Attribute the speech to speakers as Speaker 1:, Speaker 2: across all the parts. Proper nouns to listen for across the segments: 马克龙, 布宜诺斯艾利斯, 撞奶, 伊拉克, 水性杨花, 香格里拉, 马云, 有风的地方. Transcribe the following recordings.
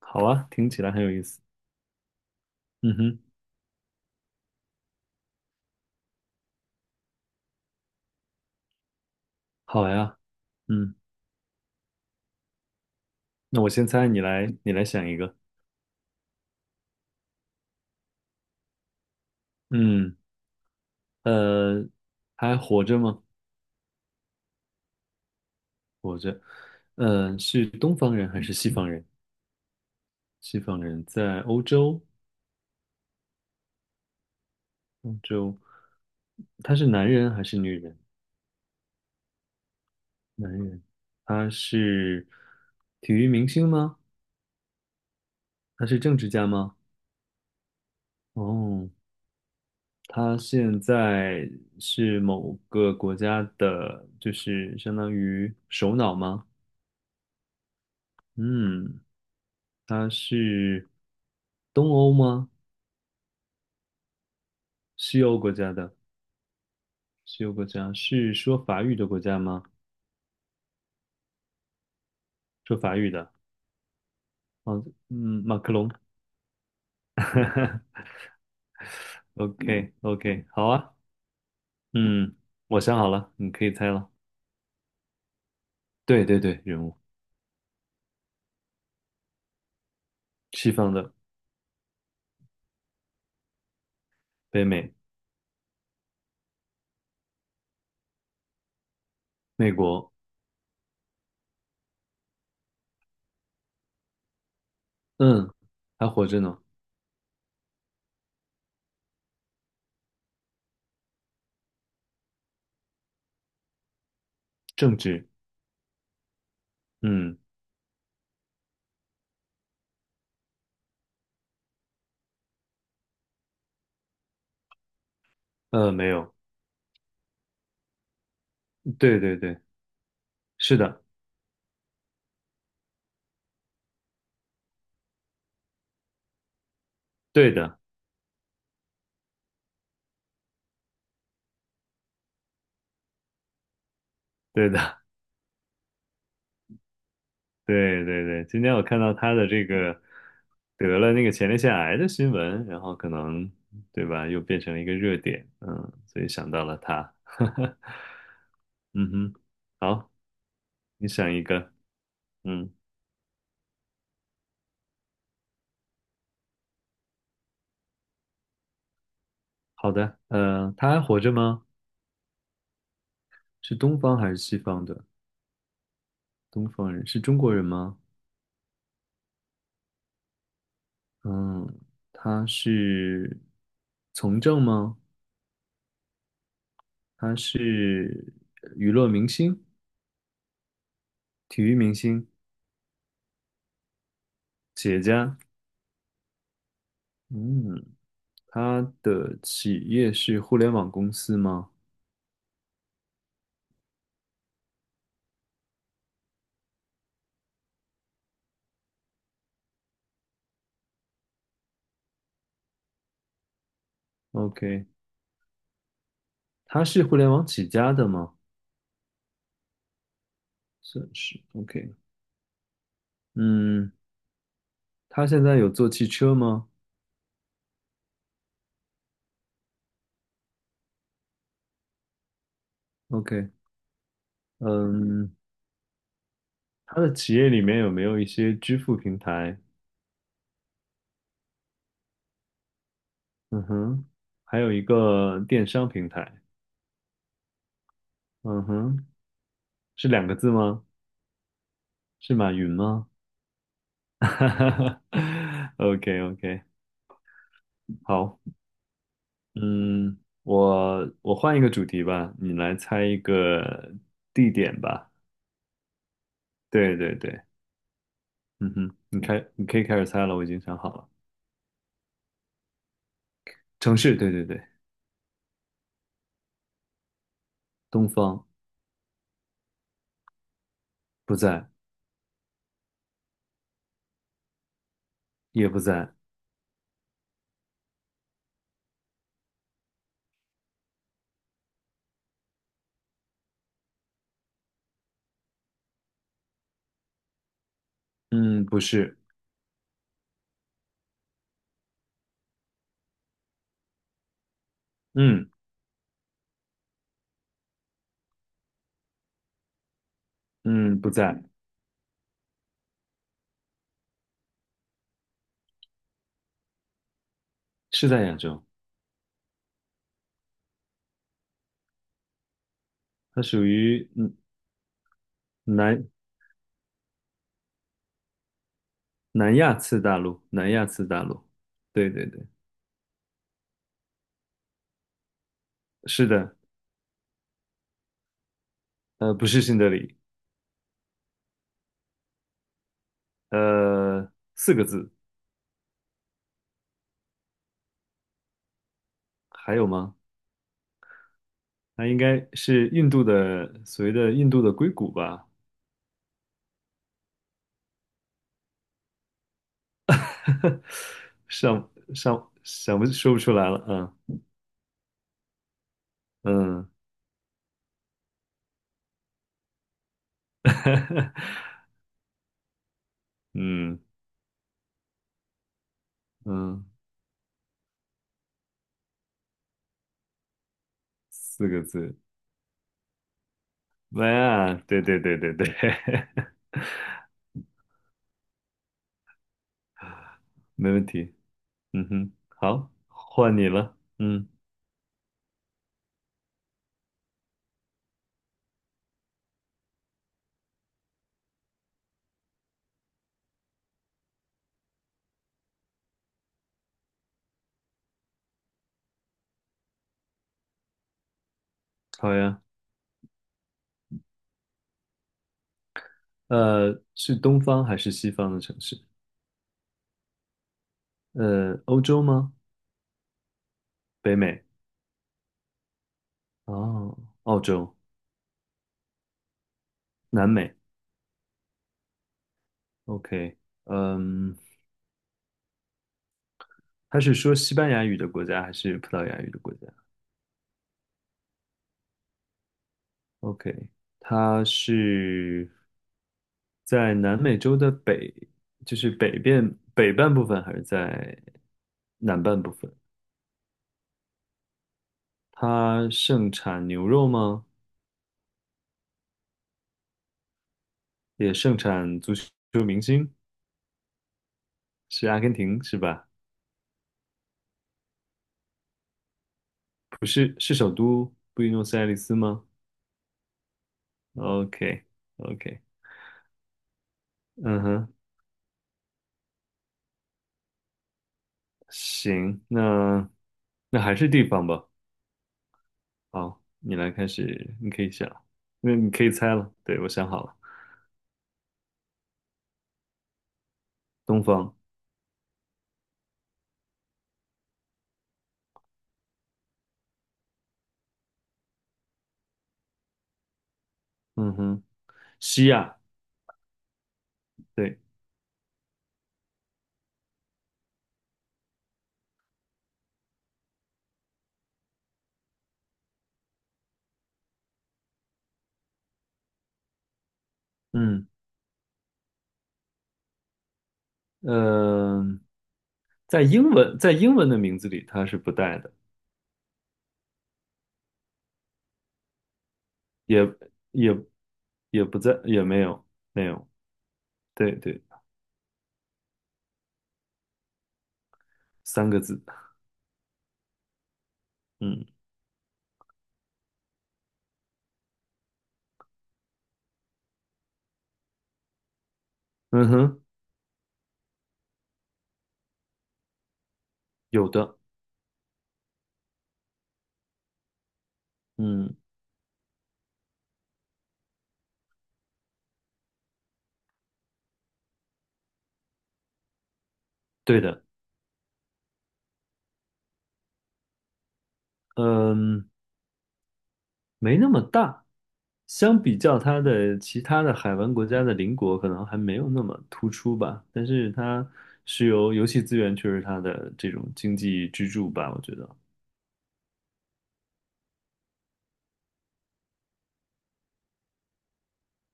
Speaker 1: 好啊，听起来很有意思。嗯哼，好呀。嗯，那我先猜，你来想一个。嗯，呃，还活着吗？活着。是东方人还是西方人？西方人在欧洲，欧洲，他是男人还是女人？男人。他是体育明星吗？他是政治家吗？哦，他现在是某个国家的，就是相当于首脑吗？嗯，他是东欧吗？西欧国家的，西欧国家是说法语的国家吗？说法语的，哦，马克龙 ，OK OK，好啊，嗯，我想好了，你可以猜了。对对对，人物，西方的，北美，美国，嗯，还活着呢。政治，嗯，没有，对对对，是的，对的，对的，对对对，今天我看到他的这个得了那个前列腺癌的新闻，然后可能对吧，又变成了一个热点，所以想到了他，嗯哼，好，你想一个，嗯，好的，他还活着吗？是东方还是西方的？东方人，是中国人吗？嗯，他是从政吗？他是娱乐明星、体育明星、企业家？嗯，他的企业是互联网公司吗？OK，他是互联网起家的吗？算是 OK。嗯，他现在有做汽车吗？OK，嗯，他的企业里面有没有一些支付平台？嗯哼，还有一个电商平台。嗯哼，是两个字吗？是马云吗 ？OK OK，好，嗯，我换一个主题吧，你来猜一个地点吧。对对对，嗯哼，你可以开始猜了，我已经想好了。城市，对对对，东方不在，也不在，嗯，不是，嗯嗯，不在，是在亚洲，它属于南南亚次大陆，南亚次大陆，对对对，是的，不是新德里，四个字，还有吗？那应该是印度的，所谓的印度的硅谷吧，上上想不说不出来了，嗯嗯。嗯嗯，四个字，哎呀，对对对对对，没问题。嗯哼，好，换你了。嗯，好呀。是东方还是西方的城市？欧洲吗？北美？哦，澳洲、南美。OK，嗯，他是说西班牙语的国家还是葡萄牙语的国家？OK，它是在南美洲的北，就是北边北半部分，还是在南半部分？它盛产牛肉吗？也盛产足球明星，是阿根廷是吧？不是，是首都布宜诺斯艾利斯吗？OK OK，嗯哼，行，那还是地方吧。好，你来开始，你可以想，那你可以猜了。对，我想好了，东方。嗯哼，西亚，对，嗯，呃，在英文的名字里它是不带的，也也也不在，也没有，对对，三个字，嗯嗯哼，有的，嗯，对的，嗯，没那么大，相比较它的其他的海湾国家的邻国，可能还没有那么突出吧，但是它石油、游戏资源却是它的这种经济支柱吧，我觉得，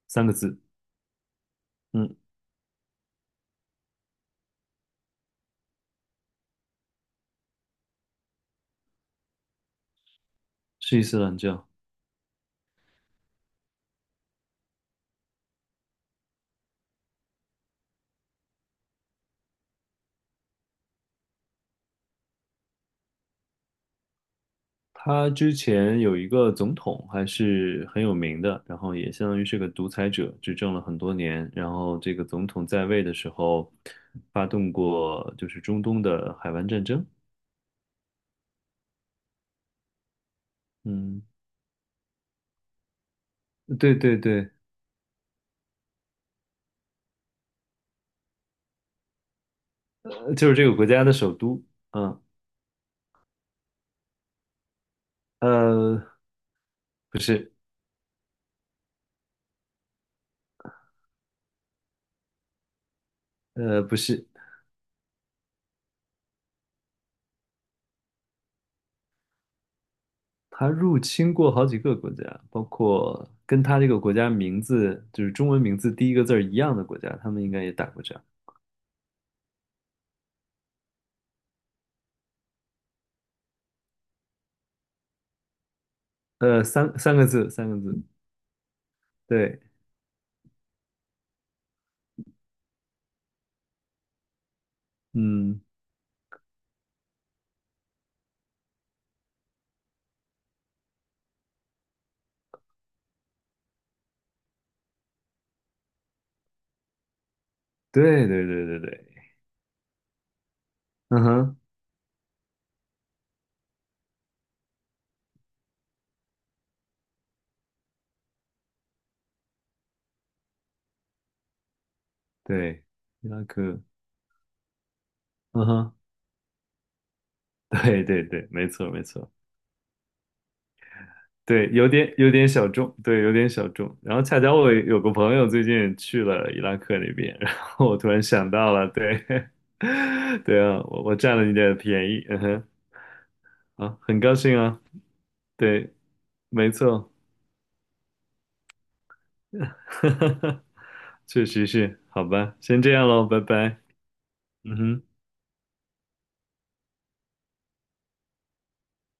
Speaker 1: 三个字。嗯是伊斯兰教。他之前有一个总统还是很有名的，然后也相当于是个独裁者，执政了很多年。然后这个总统在位的时候，发动过就是中东的海湾战争。嗯，对对对，就是这个国家的首都。嗯，呃，不是，不是，他入侵过好几个国家，包括跟他这个国家名字就是中文名字第一个字儿一样的国家，他们应该也打过仗。三个字。对，嗯，对对对对对，嗯哼，对，伊拉克，嗯哼，对对对，没错没错，对，有点小众，对，有点小众。然后恰巧我有个朋友最近去了伊拉克那边，然后我突然想到了，对，对啊，我占了你的便宜，嗯哼，啊，很高兴啊，对，没错，确实是，好吧，先这样喽，拜拜，嗯哼。